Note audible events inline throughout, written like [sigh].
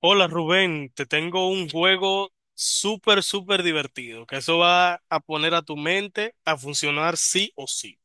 Hola Rubén, te tengo un juego súper, súper divertido, que eso va a poner a tu mente a funcionar sí o sí.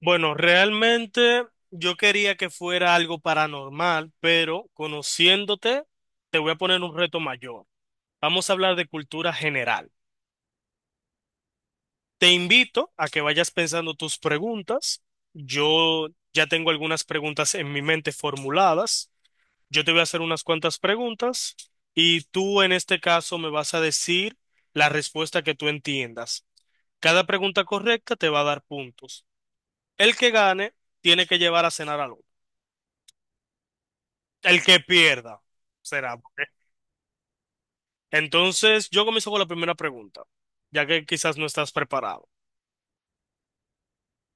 Bueno, realmente yo quería que fuera algo paranormal, pero conociéndote, te voy a poner un reto mayor. Vamos a hablar de cultura general. Te invito a que vayas pensando tus preguntas. Yo ya tengo algunas preguntas en mi mente formuladas. Yo te voy a hacer unas cuantas preguntas y tú en este caso me vas a decir la respuesta que tú entiendas. Cada pregunta correcta te va a dar puntos. El que gane tiene que llevar a cenar al otro. El que pierda será, ¿eh? Entonces, yo comienzo con la primera pregunta, ya que quizás no estás preparado.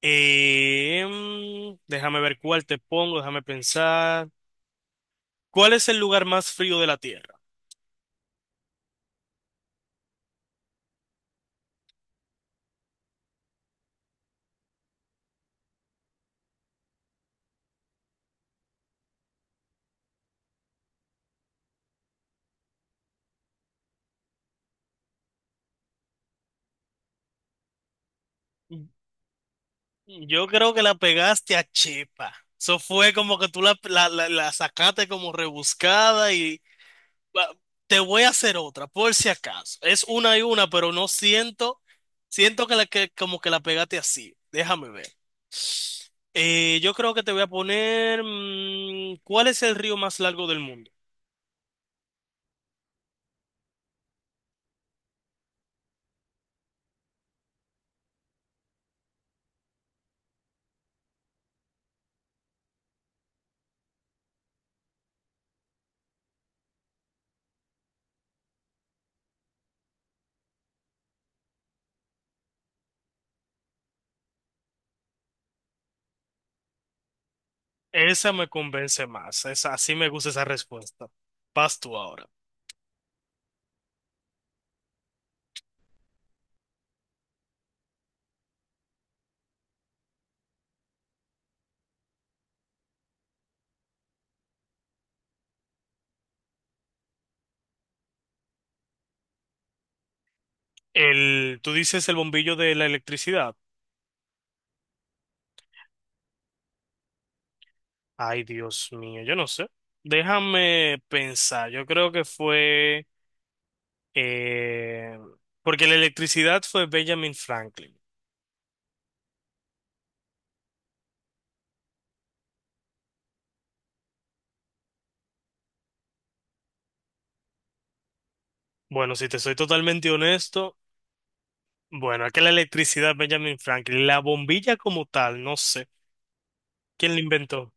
Déjame ver cuál te pongo, déjame pensar. ¿Cuál es el lugar más frío de la Tierra? Yo creo que la pegaste a Chepa. Eso fue como que tú la sacaste como rebuscada. va- Te voy a hacer otra, por si acaso. Es una y una, pero no siento, siento que, que como que la pegaste así. Déjame ver. Yo creo que te voy a poner, ¿cuál es el río más largo del mundo? Esa me convence más, esa, así me gusta esa respuesta. Vas tú ahora. Tú dices el bombillo de la electricidad. Ay, Dios mío, yo no sé. Déjame pensar, yo creo que fue... Eh, Porque la electricidad fue Benjamin Franklin. Bueno, si te soy totalmente honesto, bueno, es que la electricidad Benjamin Franklin, la bombilla como tal, no sé. ¿Quién la inventó?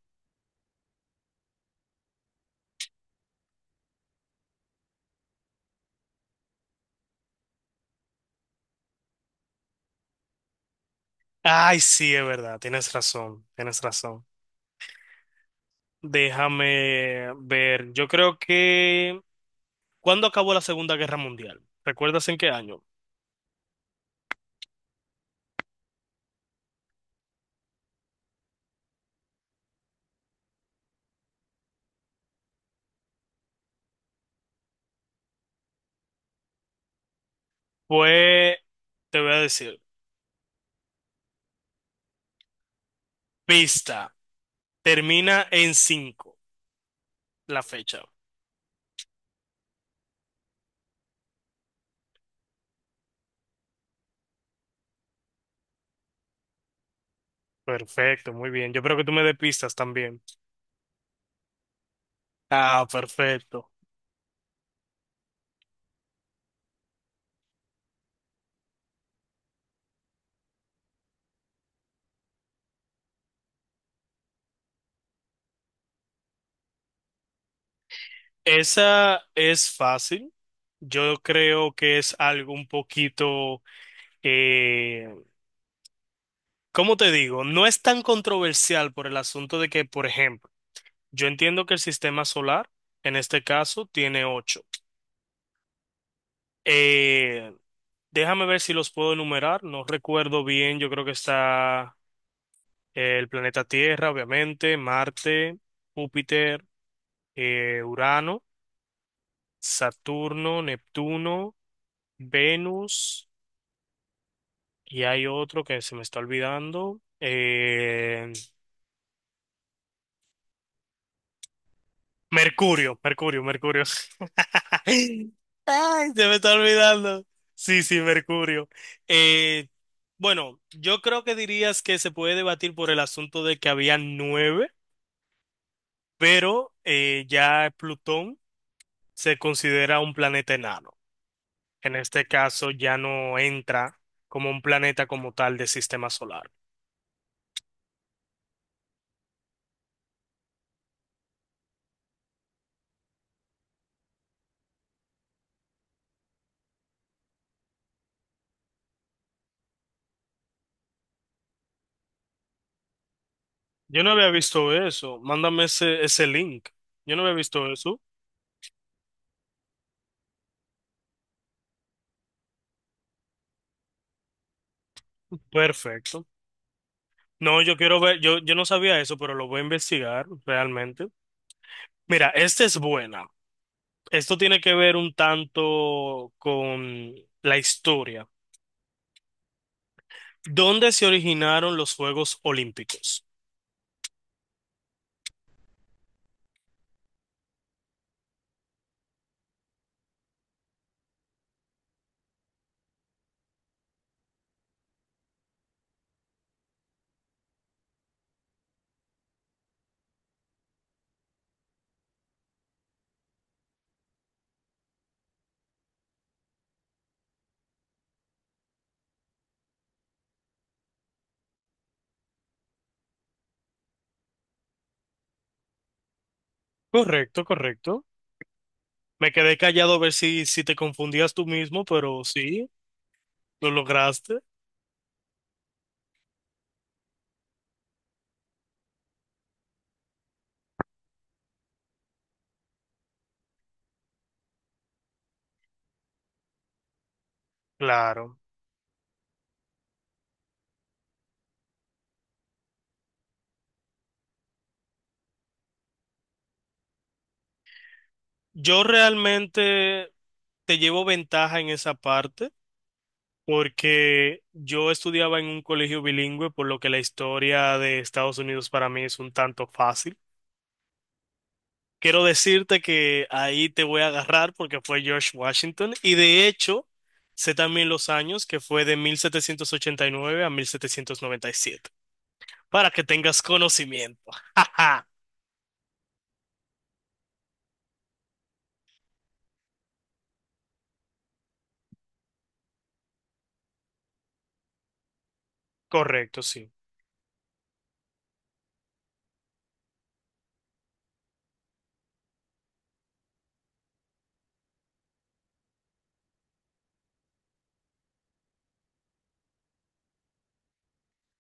Ay, sí, es verdad, tienes razón, tienes razón. Déjame ver, yo creo que... ¿Cuándo acabó la Segunda Guerra Mundial? ¿Recuerdas en qué año? Pues, te voy a decir, pista, termina en 5. La fecha. Perfecto, muy bien. Yo creo que tú me des pistas también. Ah, perfecto. Esa es fácil. Yo creo que es algo un poquito, eh, ¿cómo te digo? No es tan controversial por el asunto de que, por ejemplo, yo entiendo que el sistema solar, en este caso, tiene ocho. Eh, Déjame ver si los puedo enumerar. No recuerdo bien. Yo creo que está el planeta Tierra, obviamente, Marte, Júpiter, Urano, Saturno, Neptuno, Venus. Y hay otro que se me está olvidando. Mercurio, Mercurio, Mercurio. [laughs] Ay, se me está olvidando. Sí, sí, Mercurio. Eh, bueno, yo creo que dirías que se puede debatir por el asunto de que había nueve, pero ya Plutón se considera un planeta enano. En este caso ya no entra como un planeta como tal del sistema solar. Yo no había visto eso. Mándame ese link. Yo no había visto eso. Perfecto. No, yo quiero ver, yo, no sabía eso, pero lo voy a investigar realmente. Mira, esta es buena. Esto tiene que ver un tanto con la historia. ¿Dónde se originaron los Juegos Olímpicos? Correcto, correcto. Me quedé callado a ver si te confundías tú mismo, pero sí, lo lograste. Claro. Yo realmente te llevo ventaja en esa parte, porque yo estudiaba en un colegio bilingüe, por lo que la historia de Estados Unidos para mí es un tanto fácil. Quiero decirte que ahí te voy a agarrar porque fue George Washington y de hecho sé también los años que fue de 1789 a 1797 para que tengas conocimiento. [laughs] Ajá. Correcto, sí.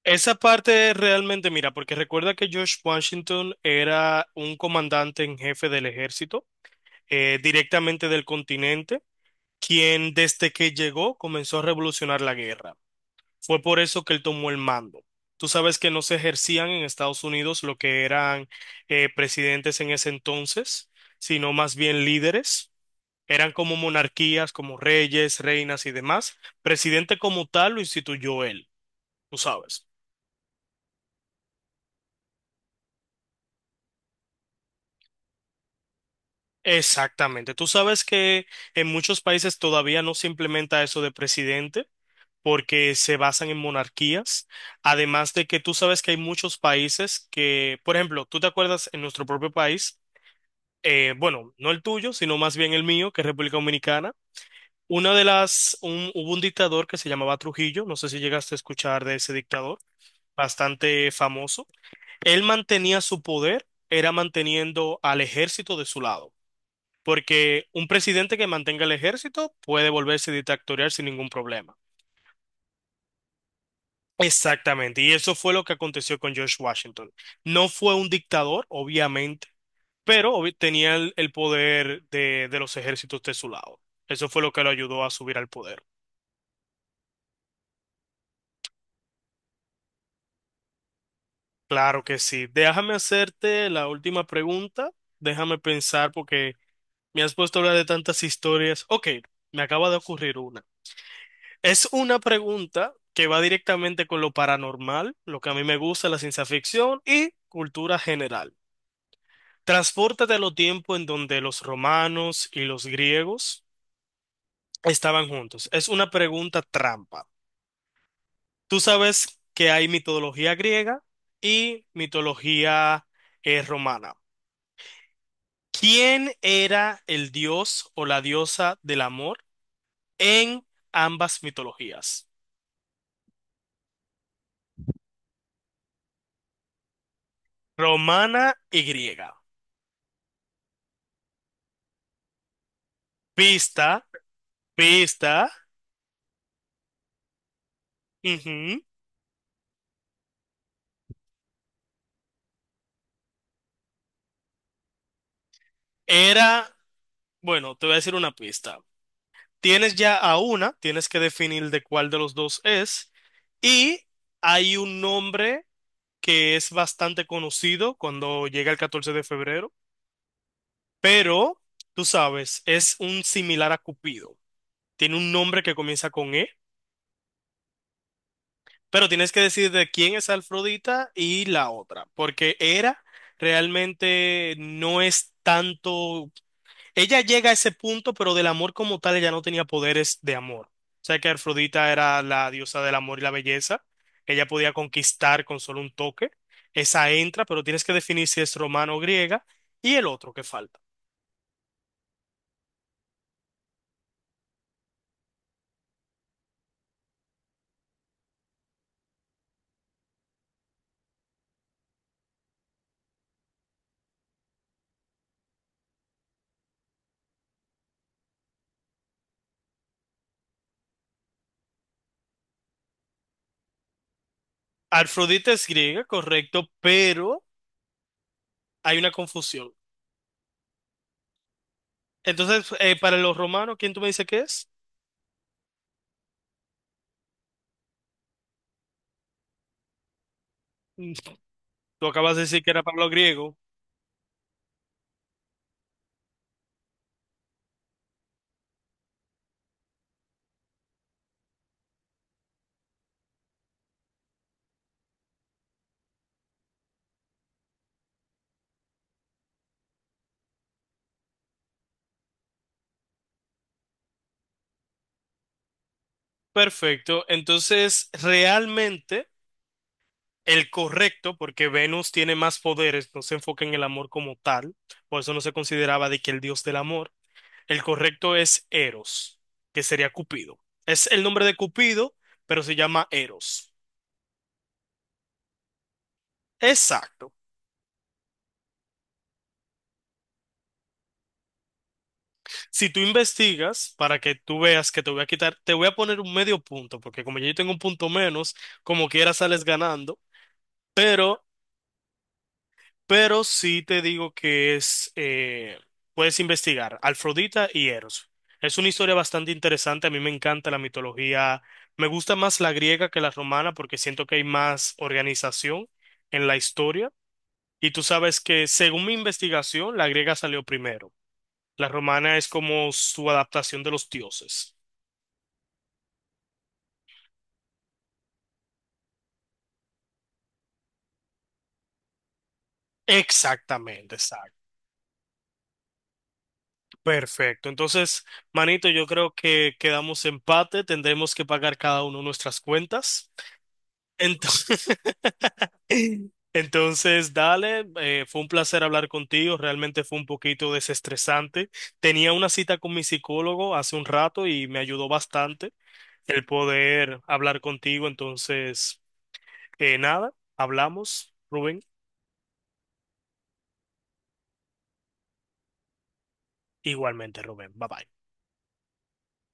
Esa parte realmente, mira, porque recuerda que George Washington era un comandante en jefe del ejército, directamente del continente, quien desde que llegó comenzó a revolucionar la guerra. Fue por eso que él tomó el mando. Tú sabes que no se ejercían en Estados Unidos lo que eran presidentes en ese entonces, sino más bien líderes. Eran como monarquías, como reyes, reinas y demás. Presidente como tal lo instituyó él, tú sabes. Exactamente. Tú sabes que en muchos países todavía no se implementa eso de presidente, porque se basan en monarquías, además de que tú sabes que hay muchos países que, por ejemplo, tú te acuerdas en nuestro propio país, bueno, no el tuyo, sino más bien el mío, que es República Dominicana. Una de las, un- Hubo un dictador que se llamaba Trujillo, no sé si llegaste a escuchar de ese dictador, bastante famoso. Él mantenía su poder, era manteniendo al ejército de su lado, porque un presidente que mantenga el ejército puede volverse dictatorial sin ningún problema. Exactamente, y eso fue lo que aconteció con George Washington. No fue un dictador, obviamente, pero tenía el poder de los ejércitos de su lado. Eso fue lo que lo ayudó a subir al poder. Claro que sí. Déjame hacerte la última pregunta. Déjame pensar porque me has puesto a hablar de tantas historias. Ok, me acaba de ocurrir una. Es una pregunta que va directamente con lo paranormal, lo que a mí me gusta, la ciencia ficción y cultura general. Transpórtate a los tiempos en donde los romanos y los griegos estaban juntos. Es una pregunta trampa. Tú sabes que hay mitología griega y mitología romana. ¿Quién era el dios o la diosa del amor en ambas mitologías? Romana y griega. Pista, pista. Ujú. Era, bueno, te voy a decir una pista. Tienes ya a una, tienes que definir de cuál de los dos es. Y hay un nombre que es bastante conocido cuando llega el 14 de febrero, pero tú sabes, es un similar a Cupido. Tiene un nombre que comienza con E, pero tienes que decir de quién es Afrodita y la otra, porque Hera realmente no es tanto. Ella llega a ese punto, pero del amor como tal ella no tenía poderes de amor. O sea que Afrodita era la diosa del amor y la belleza. Ella podía conquistar con solo un toque. Esa entra, pero tienes que definir si es romano o griega. Y el otro que falta. Afrodita es griega, correcto, pero hay una confusión. Entonces, para los romanos, ¿quién tú me dices que es? Mm, Tú acabas de decir que era para los griegos. Perfecto. Entonces, realmente... El correcto, porque Venus tiene más poderes, no se enfoca en el amor como tal, por eso no se consideraba de que el dios del amor. El correcto es Eros, que sería Cupido. Es el nombre de Cupido, pero se llama Eros. Exacto. Si tú investigas, para que tú veas que te voy a quitar, te voy a poner un medio punto, porque como yo tengo un punto menos, como quiera sales ganando, pero sí te digo que es, puedes investigar Afrodita y Eros. Es una historia bastante interesante, a mí me encanta la mitología, me gusta más la griega que la romana porque siento que hay más organización en la historia. Y tú sabes que según mi investigación, la griega salió primero. La romana es como su adaptación de los dioses. Exactamente, exacto. Perfecto. Entonces, manito, yo creo que quedamos empate, tendremos que pagar cada uno nuestras cuentas. Entonces, [laughs] entonces dale, fue un placer hablar contigo, realmente fue un poquito desestresante. Tenía una cita con mi psicólogo hace un rato y me ayudó bastante el poder hablar contigo, entonces, nada, hablamos, Rubén, igualmente, Rubén, bye bye.